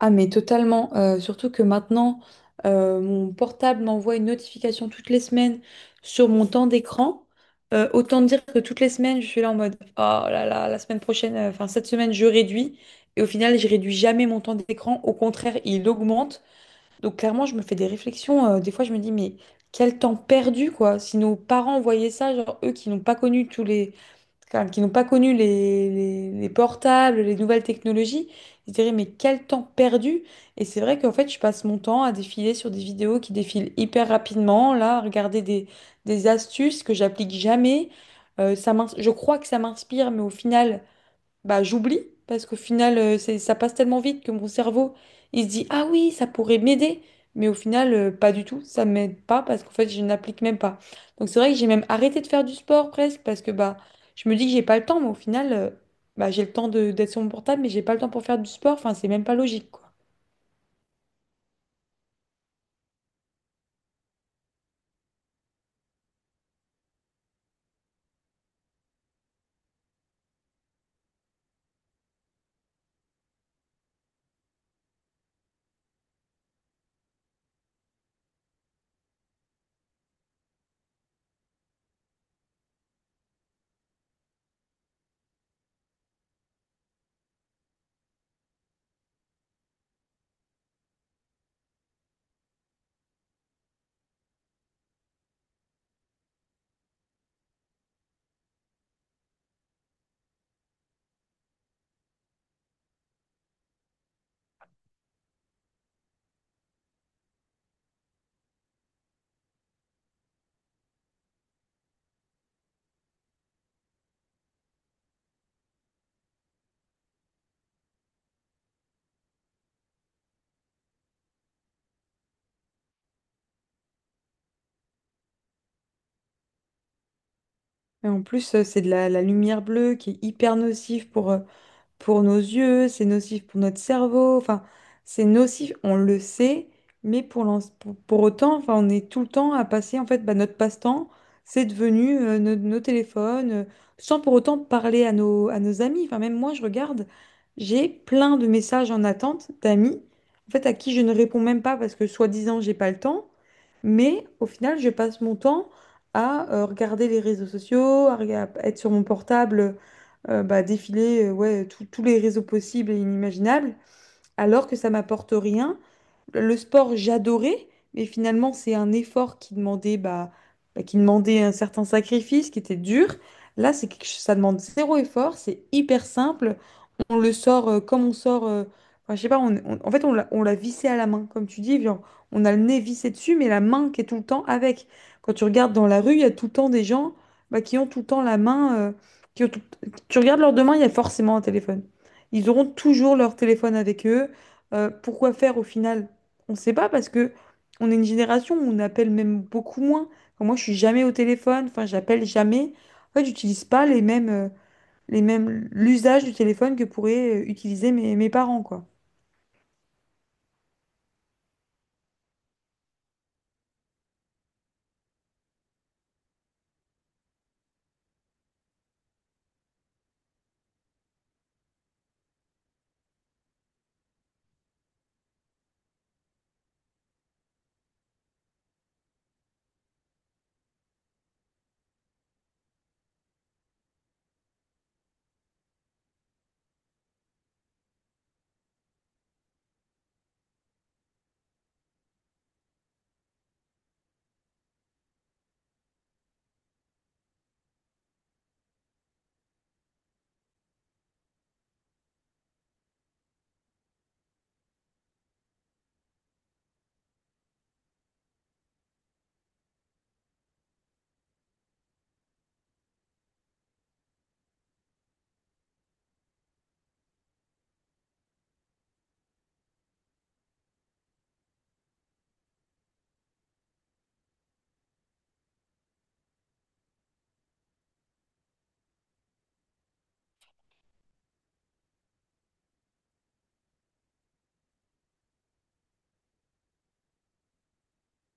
Ah mais totalement, surtout que maintenant, mon portable m'envoie une notification toutes les semaines sur mon temps d'écran. Autant dire que toutes les semaines, je suis là en mode, oh là là, la semaine prochaine, enfin cette semaine, je réduis. Et au final, je réduis jamais mon temps d'écran. Au contraire, il augmente. Donc clairement, je me fais des réflexions. Des fois, je me dis, mais quel temps perdu, quoi. Si nos parents voyaient ça, genre eux qui n'ont pas connu qui n'ont pas connu les portables, les nouvelles technologies, ils se diraient, mais quel temps perdu! Et c'est vrai qu'en fait, je passe mon temps à défiler sur des vidéos qui défilent hyper rapidement, là, à regarder des astuces que j'applique jamais. Je crois que ça m'inspire, mais au final, bah, j'oublie parce qu'au final, ça passe tellement vite que mon cerveau, il se dit, ah oui, ça pourrait m'aider. Mais au final, pas du tout, ça m'aide pas parce qu'en fait, je n'applique même pas. Donc c'est vrai que j'ai même arrêté de faire du sport presque parce que bah, je me dis que j'ai pas le temps, mais au final, bah, j'ai le temps d'être sur mon portable, mais j'ai pas le temps pour faire du sport. Enfin, c'est même pas logique, quoi. Et en plus, c'est de la lumière bleue qui est hyper nocive pour nos yeux, c'est nocif pour notre cerveau, enfin, c'est nocif, on le sait, mais pour autant, enfin, on est tout le temps à passer, en fait, bah, notre passe-temps, c'est devenu nos téléphones, sans pour autant parler à nos amis. Enfin, même moi, je regarde, j'ai plein de messages en attente d'amis, en fait, à qui je ne réponds même pas parce que, soi-disant, j'ai pas le temps, mais au final, je passe mon temps à regarder les réseaux sociaux, à être sur mon portable, bah, défiler ouais, tous les réseaux possibles et inimaginables, alors que ça m'apporte rien. Le sport, j'adorais, mais finalement, c'est un effort qui demandait, bah, qui demandait un certain sacrifice, qui était dur. Là, c'est ça demande zéro effort, c'est hyper simple, on le sort, comme on sort. Enfin, je sais pas, en fait, on l'a vissé à la main, comme tu dis. Genre, on a le nez vissé dessus, mais la main qui est tout le temps avec. Quand tu regardes dans la rue, il y a tout le temps des gens bah, qui ont tout le temps la main. Qui ont tout- Tu regardes leurs deux mains, il y a forcément un téléphone. Ils auront toujours leur téléphone avec eux. Pourquoi faire au final? On ne sait pas parce que on est une génération où on appelle même beaucoup moins. Enfin, moi, je suis jamais au téléphone. Enfin, j'appelle jamais. En fait, j'utilise pas les mêmes. L'usage du téléphone que pourraient utiliser mes parents, quoi.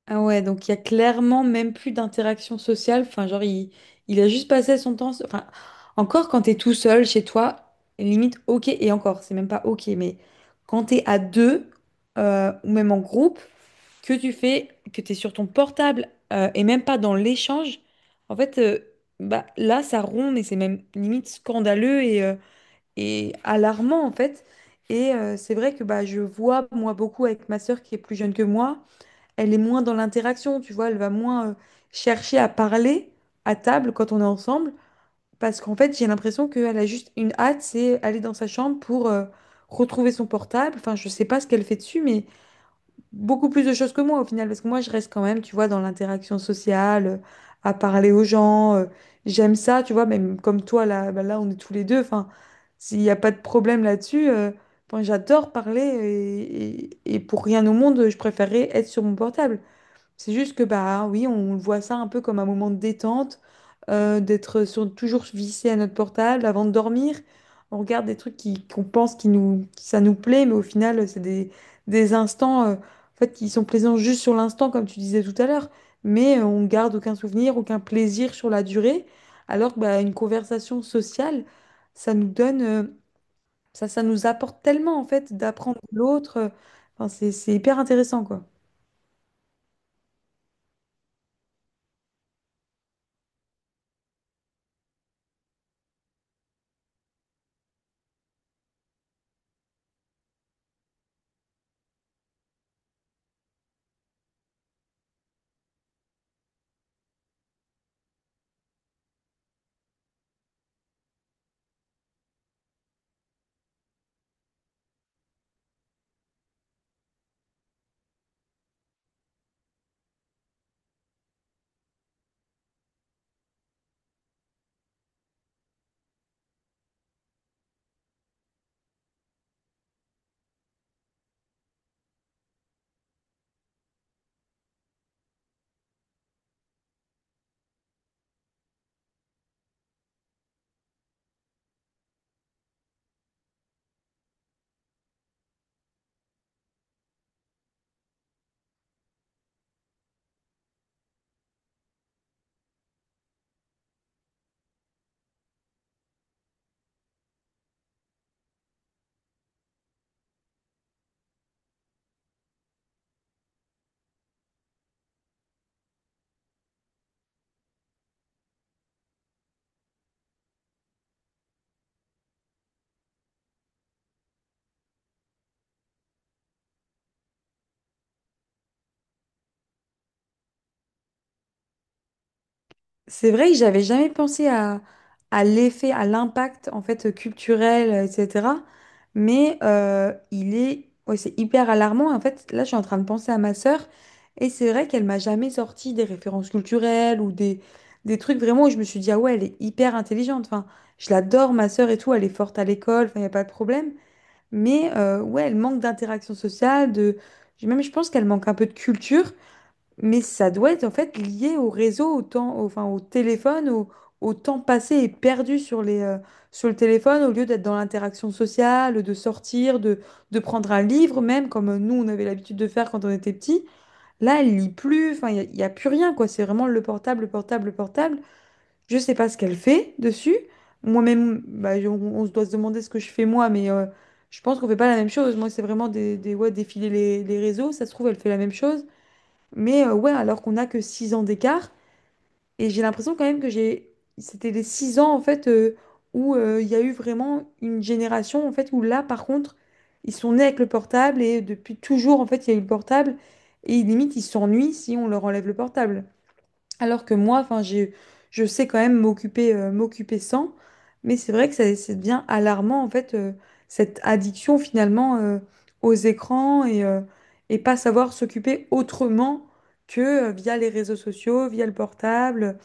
Ah ouais, donc il y a clairement même plus d'interaction sociale. Enfin, genre, il a juste passé son temps. Enfin, encore quand t'es tout seul chez toi, limite, ok, et encore, c'est même pas ok, mais quand t'es à deux, ou même en groupe, que tu fais, que t'es sur ton portable, et même pas dans l'échange, en fait, bah, là, ça rompt, mais c'est même limite scandaleux et alarmant en fait. C'est vrai que bah, je vois moi beaucoup avec ma sœur qui est plus jeune que moi, elle est moins dans l'interaction, tu vois, elle va moins chercher à parler à table quand on est ensemble, parce qu'en fait j'ai l'impression qu'elle a juste une hâte, c'est aller dans sa chambre pour retrouver son portable. Enfin, je sais pas ce qu'elle fait dessus, mais beaucoup plus de choses que moi au final, parce que moi je reste quand même, tu vois, dans l'interaction sociale, à parler aux gens. J'aime ça, tu vois, même comme toi, là, bah là on est tous les deux. Enfin, s'il n'y a pas de problème là-dessus, enfin, j'adore parler et pour rien au monde, je préférerais être sur mon portable. C'est juste que bah oui, on voit ça un peu comme un moment de détente, toujours vissé à notre portable avant de dormir. On regarde des trucs qu'on pense ça nous plaît, mais au final, c'est des instants en fait, qui sont plaisants juste sur l'instant, comme tu disais tout à l'heure. Mais on garde aucun souvenir, aucun plaisir sur la durée. Alors que bah, une conversation sociale, ça nous donne, ça nous apporte tellement en fait d'apprendre de l'autre. Enfin, c'est hyper intéressant, quoi. C'est vrai que j'avais jamais pensé à l'effet, à l'impact en fait culturel, etc. Mais ouais, c'est hyper alarmant. En fait, là, je suis en train de penser à ma sœur et c'est vrai qu'elle m'a jamais sorti des références culturelles ou des trucs vraiment où je me suis dit, ah ouais, elle est hyper intelligente. Enfin, je l'adore, ma sœur et tout, elle est forte à l'école, enfin, il n'y a pas de problème. Mais ouais, elle manque d'interaction sociale. Même je pense qu'elle manque un peu de culture. Mais ça doit être en fait lié au réseau, au temps, enfin, au téléphone, au temps passé et perdu sur sur le téléphone, au lieu d'être dans l'interaction sociale, de sortir, de prendre un livre même, comme nous on avait l'habitude de faire quand on était petit. Là, elle lit plus, enfin, y a plus rien, quoi. C'est vraiment le portable, le portable, le portable. Je sais pas ce qu'elle fait dessus. Moi-même, bah, on se doit se demander ce que je fais moi, mais je pense qu'on fait pas la même chose. Moi, c'est vraiment ouais, défiler les réseaux. Ça se trouve, elle fait la même chose. Mais ouais, alors qu'on n'a que 6 ans d'écart. Et j'ai l'impression quand même que j'ai... C'était les 6 ans, en fait, où il y a eu vraiment une génération, en fait, où là, par contre, ils sont nés avec le portable et depuis toujours, en fait, il y a eu le portable. Et limite, ils s'ennuient si on leur enlève le portable. Alors que moi, enfin, je sais quand même m'occuper sans, mais c'est vrai que ça devient alarmant, en fait, cette addiction finalement aux écrans et pas savoir s'occuper autrement que via les réseaux sociaux, via le portable,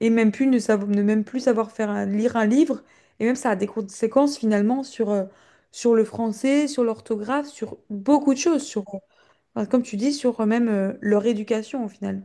et même plus ne, savo- ne même plus savoir faire lire un livre. Et même ça a des conséquences finalement sur le français, sur l'orthographe, sur beaucoup de choses, enfin, comme tu dis, sur même leur éducation au final.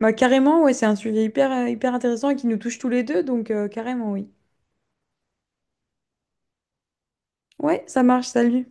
Bah, carrément, ouais, c'est un sujet hyper intéressant et qui nous touche tous les deux, donc carrément, oui. Ouais, ça marche, salut.